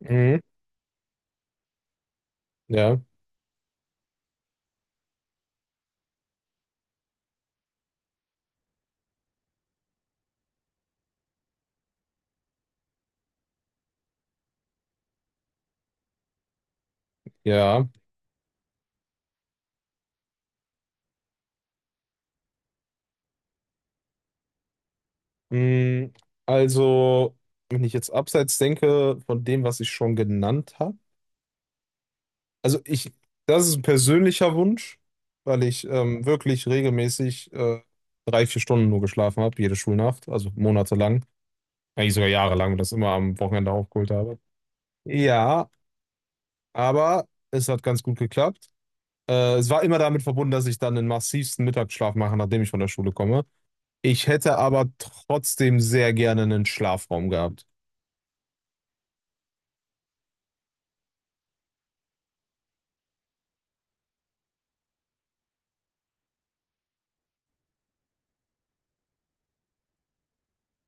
Mhm. Ja, ja. Mhm. Also, wenn ich jetzt abseits denke von dem, was ich schon genannt habe, also ich, das ist ein persönlicher Wunsch, weil ich wirklich regelmäßig 3, 4 Stunden nur geschlafen habe, jede Schulnacht, also monatelang, eigentlich sogar jahrelang und das immer am Wochenende aufgeholt habe. Ja, aber es hat ganz gut geklappt. Es war immer damit verbunden, dass ich dann den massivsten Mittagsschlaf mache, nachdem ich von der Schule komme. Ich hätte aber trotzdem sehr gerne einen Schlafraum gehabt.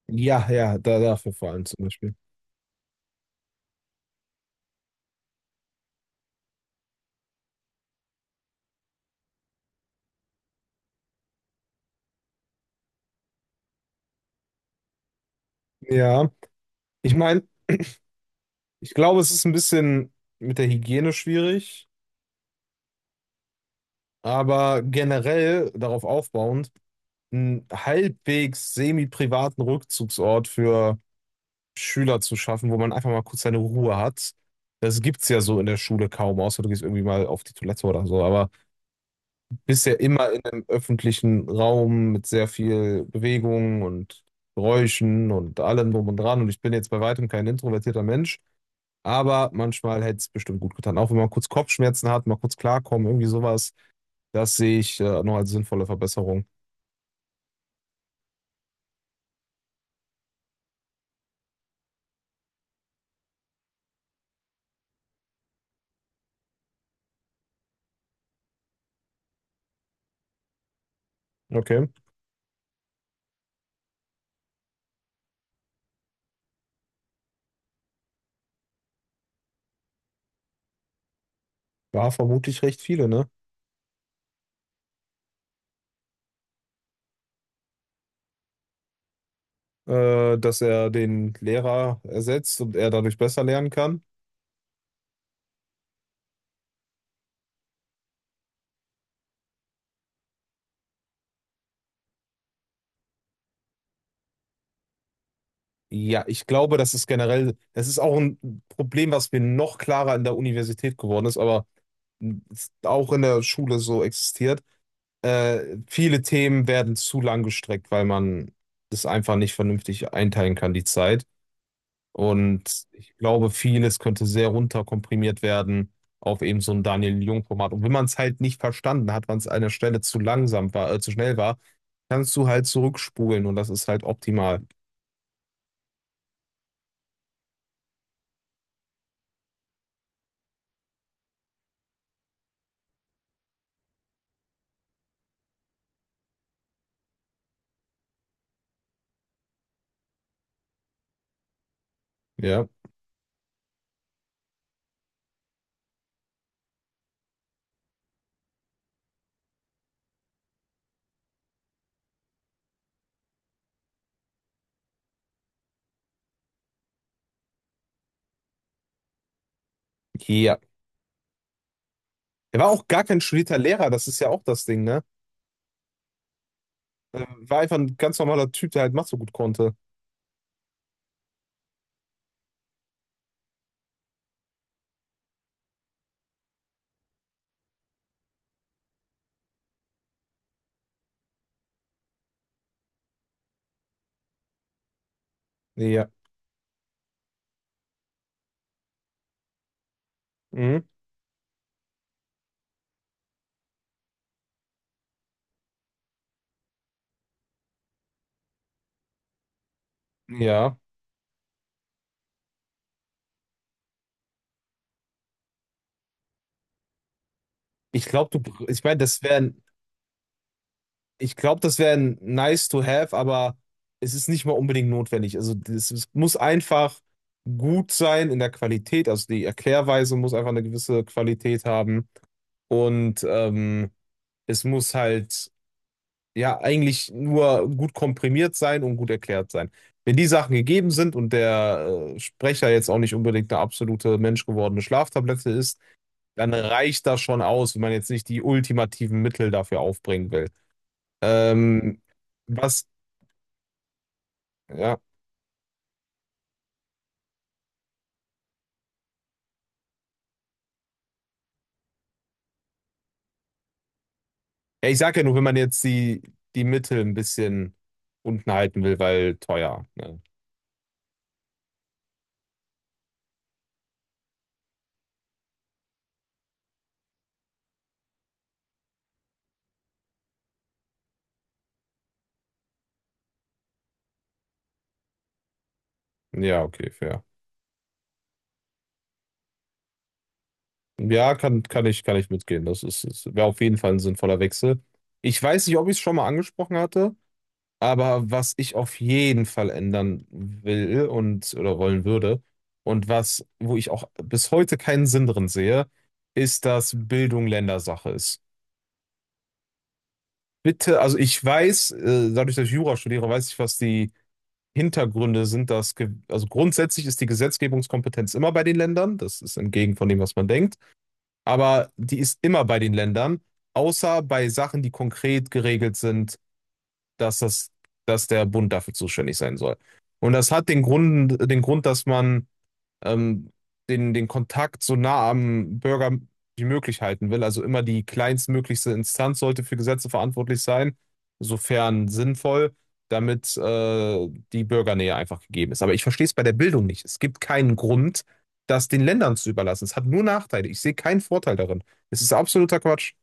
Ja, ja, dafür vor allem zum Beispiel. Ja, ich meine, ich glaube, es ist ein bisschen mit der Hygiene schwierig, aber generell darauf aufbauend, einen halbwegs semi-privaten Rückzugsort für Schüler zu schaffen, wo man einfach mal kurz seine Ruhe hat. Das gibt's ja so in der Schule kaum, außer du gehst irgendwie mal auf die Toilette oder so, aber bist ja immer in einem öffentlichen Raum mit sehr viel Bewegung und Geräuschen und allem drum und dran. Und ich bin jetzt bei weitem kein introvertierter Mensch, aber manchmal hätte es bestimmt gut getan. Auch wenn man kurz Kopfschmerzen hat, mal kurz klarkommen, irgendwie sowas, das sehe ich noch als sinnvolle Verbesserung. Okay. War vermutlich recht viele, ne? Dass er den Lehrer ersetzt und er dadurch besser lernen kann. Ja, ich glaube, das ist auch ein Problem, was mir noch klarer in der Universität geworden ist, aber auch in der Schule so existiert. Viele Themen werden zu lang gestreckt, weil man das einfach nicht vernünftig einteilen kann, die Zeit. Und ich glaube, vieles könnte sehr runterkomprimiert werden auf eben so ein Daniel-Jung-Format. Und wenn man es halt nicht verstanden hat, weil es an der Stelle zu langsam war, zu schnell war, kannst du halt zurückspulen und das ist halt optimal. Ja. Ja. Er war auch gar kein studierter Lehrer, das ist ja auch das Ding, ne? Er war einfach ein ganz normaler Typ, der halt Mathe so gut konnte. Ja. Mhm. Ja, ich glaube, ich meine, das wäre, ich glaube, das wäre nice to have, aber es ist nicht mal unbedingt notwendig. Also es muss einfach gut sein in der Qualität. Also die Erklärweise muss einfach eine gewisse Qualität haben und es muss halt ja eigentlich nur gut komprimiert sein und gut erklärt sein. Wenn die Sachen gegeben sind und der Sprecher jetzt auch nicht unbedingt eine absolute menschgewordene Schlaftablette ist, dann reicht das schon aus, wenn man jetzt nicht die ultimativen Mittel dafür aufbringen will. Ähm, was, ja. Ja, ich sage ja nur, wenn man jetzt die Mittel ein bisschen unten halten will, weil teuer. Ne? Ja, okay, fair. Ja, kann ich mitgehen. Das ist, ist wäre auf jeden Fall ein sinnvoller Wechsel. Ich weiß nicht, ob ich es schon mal angesprochen hatte. Aber was ich auf jeden Fall ändern will und oder wollen würde und was, wo ich auch bis heute keinen Sinn drin sehe, ist, dass Bildung Ländersache ist. Bitte, also ich weiß, dadurch, dass ich Jura studiere, weiß ich, was die Hintergründe sind, also grundsätzlich ist die Gesetzgebungskompetenz immer bei den Ländern, das ist entgegen von dem, was man denkt, aber die ist immer bei den Ländern, außer bei Sachen, die konkret geregelt sind, dass das, dass der Bund dafür zuständig sein soll. Und das hat den Grund, dass man ähm, den Kontakt so nah am Bürger wie möglich halten will. Also immer die kleinstmöglichste Instanz sollte für Gesetze verantwortlich sein, sofern sinnvoll, damit die Bürgernähe einfach gegeben ist. Aber ich verstehe es bei der Bildung nicht. Es gibt keinen Grund, das den Ländern zu überlassen. Es hat nur Nachteile. Ich sehe keinen Vorteil darin. Es ist absoluter Quatsch.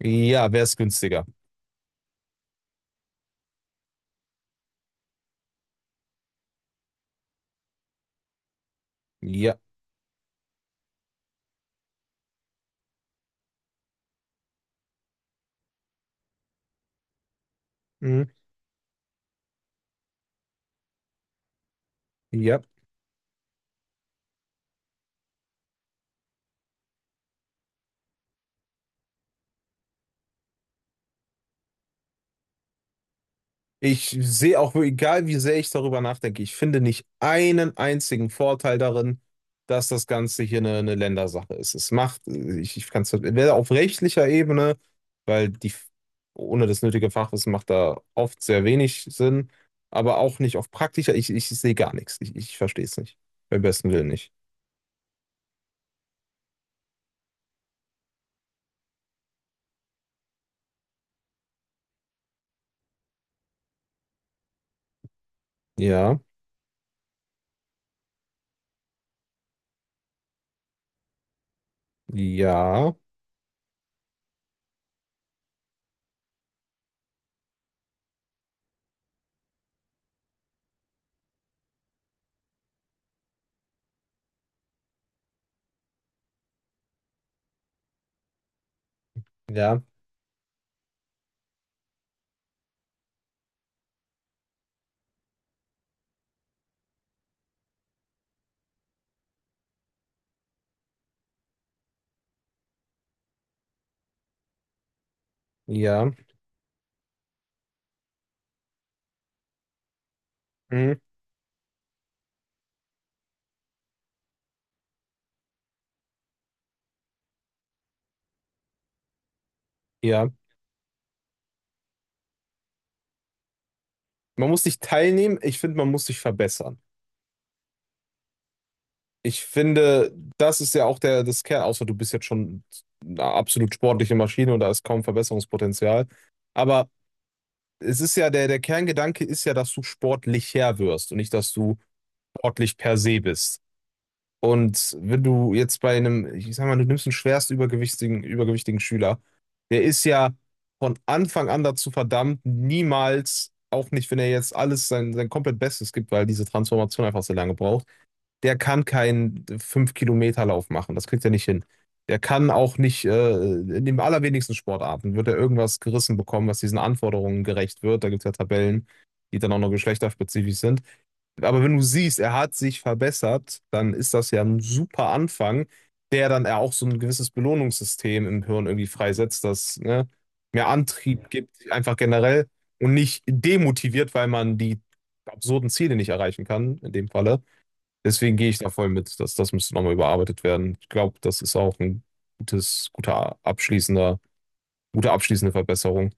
Ja, wäre es günstiger. Ja. Mhm. Ja. Ich sehe auch, egal wie sehr ich darüber nachdenke, ich finde nicht einen einzigen Vorteil darin, dass das Ganze hier eine Ländersache ist. Ich kann es weder auf rechtlicher Ebene, weil die ohne das nötige Fachwissen macht da oft sehr wenig Sinn, aber auch nicht auf praktischer, ich sehe gar nichts. Ich verstehe es nicht. Beim besten Willen nicht. Ja, ja, ja, ja, mm, ja. Man muss nicht teilnehmen, ich finde, man muss sich verbessern. Ich finde, das ist ja auch das Kern, außer du bist jetzt schon eine absolut sportliche Maschine und da ist kaum Verbesserungspotenzial. Aber es ist ja, der Kerngedanke ist ja, dass du sportlicher wirst und nicht, dass du sportlich per se bist. Und wenn du jetzt bei einem, ich sag mal, du nimmst einen schwerst übergewichtigen Schüler, der ist ja von Anfang an dazu verdammt, niemals, auch nicht, wenn er jetzt alles sein komplett Bestes gibt, weil diese Transformation einfach so lange braucht. Der kann keinen 5 Kilometer Lauf machen. Das kriegt er nicht hin. Der kann auch nicht, in den allerwenigsten Sportarten wird er irgendwas gerissen bekommen, was diesen Anforderungen gerecht wird. Da gibt es ja Tabellen, die dann auch noch geschlechterspezifisch sind. Aber wenn du siehst, er hat sich verbessert, dann ist das ja ein super Anfang, der dann ja auch so ein gewisses Belohnungssystem im Hirn irgendwie freisetzt, das, ne, mehr Antrieb Ja. gibt, einfach generell und nicht demotiviert, weil man die absurden Ziele nicht erreichen kann, in dem Falle. Deswegen gehe ich da voll mit, dass das müsste nochmal überarbeitet werden. Ich glaube, das ist auch ein gutes, guter abschließender, gute abschließende Verbesserung.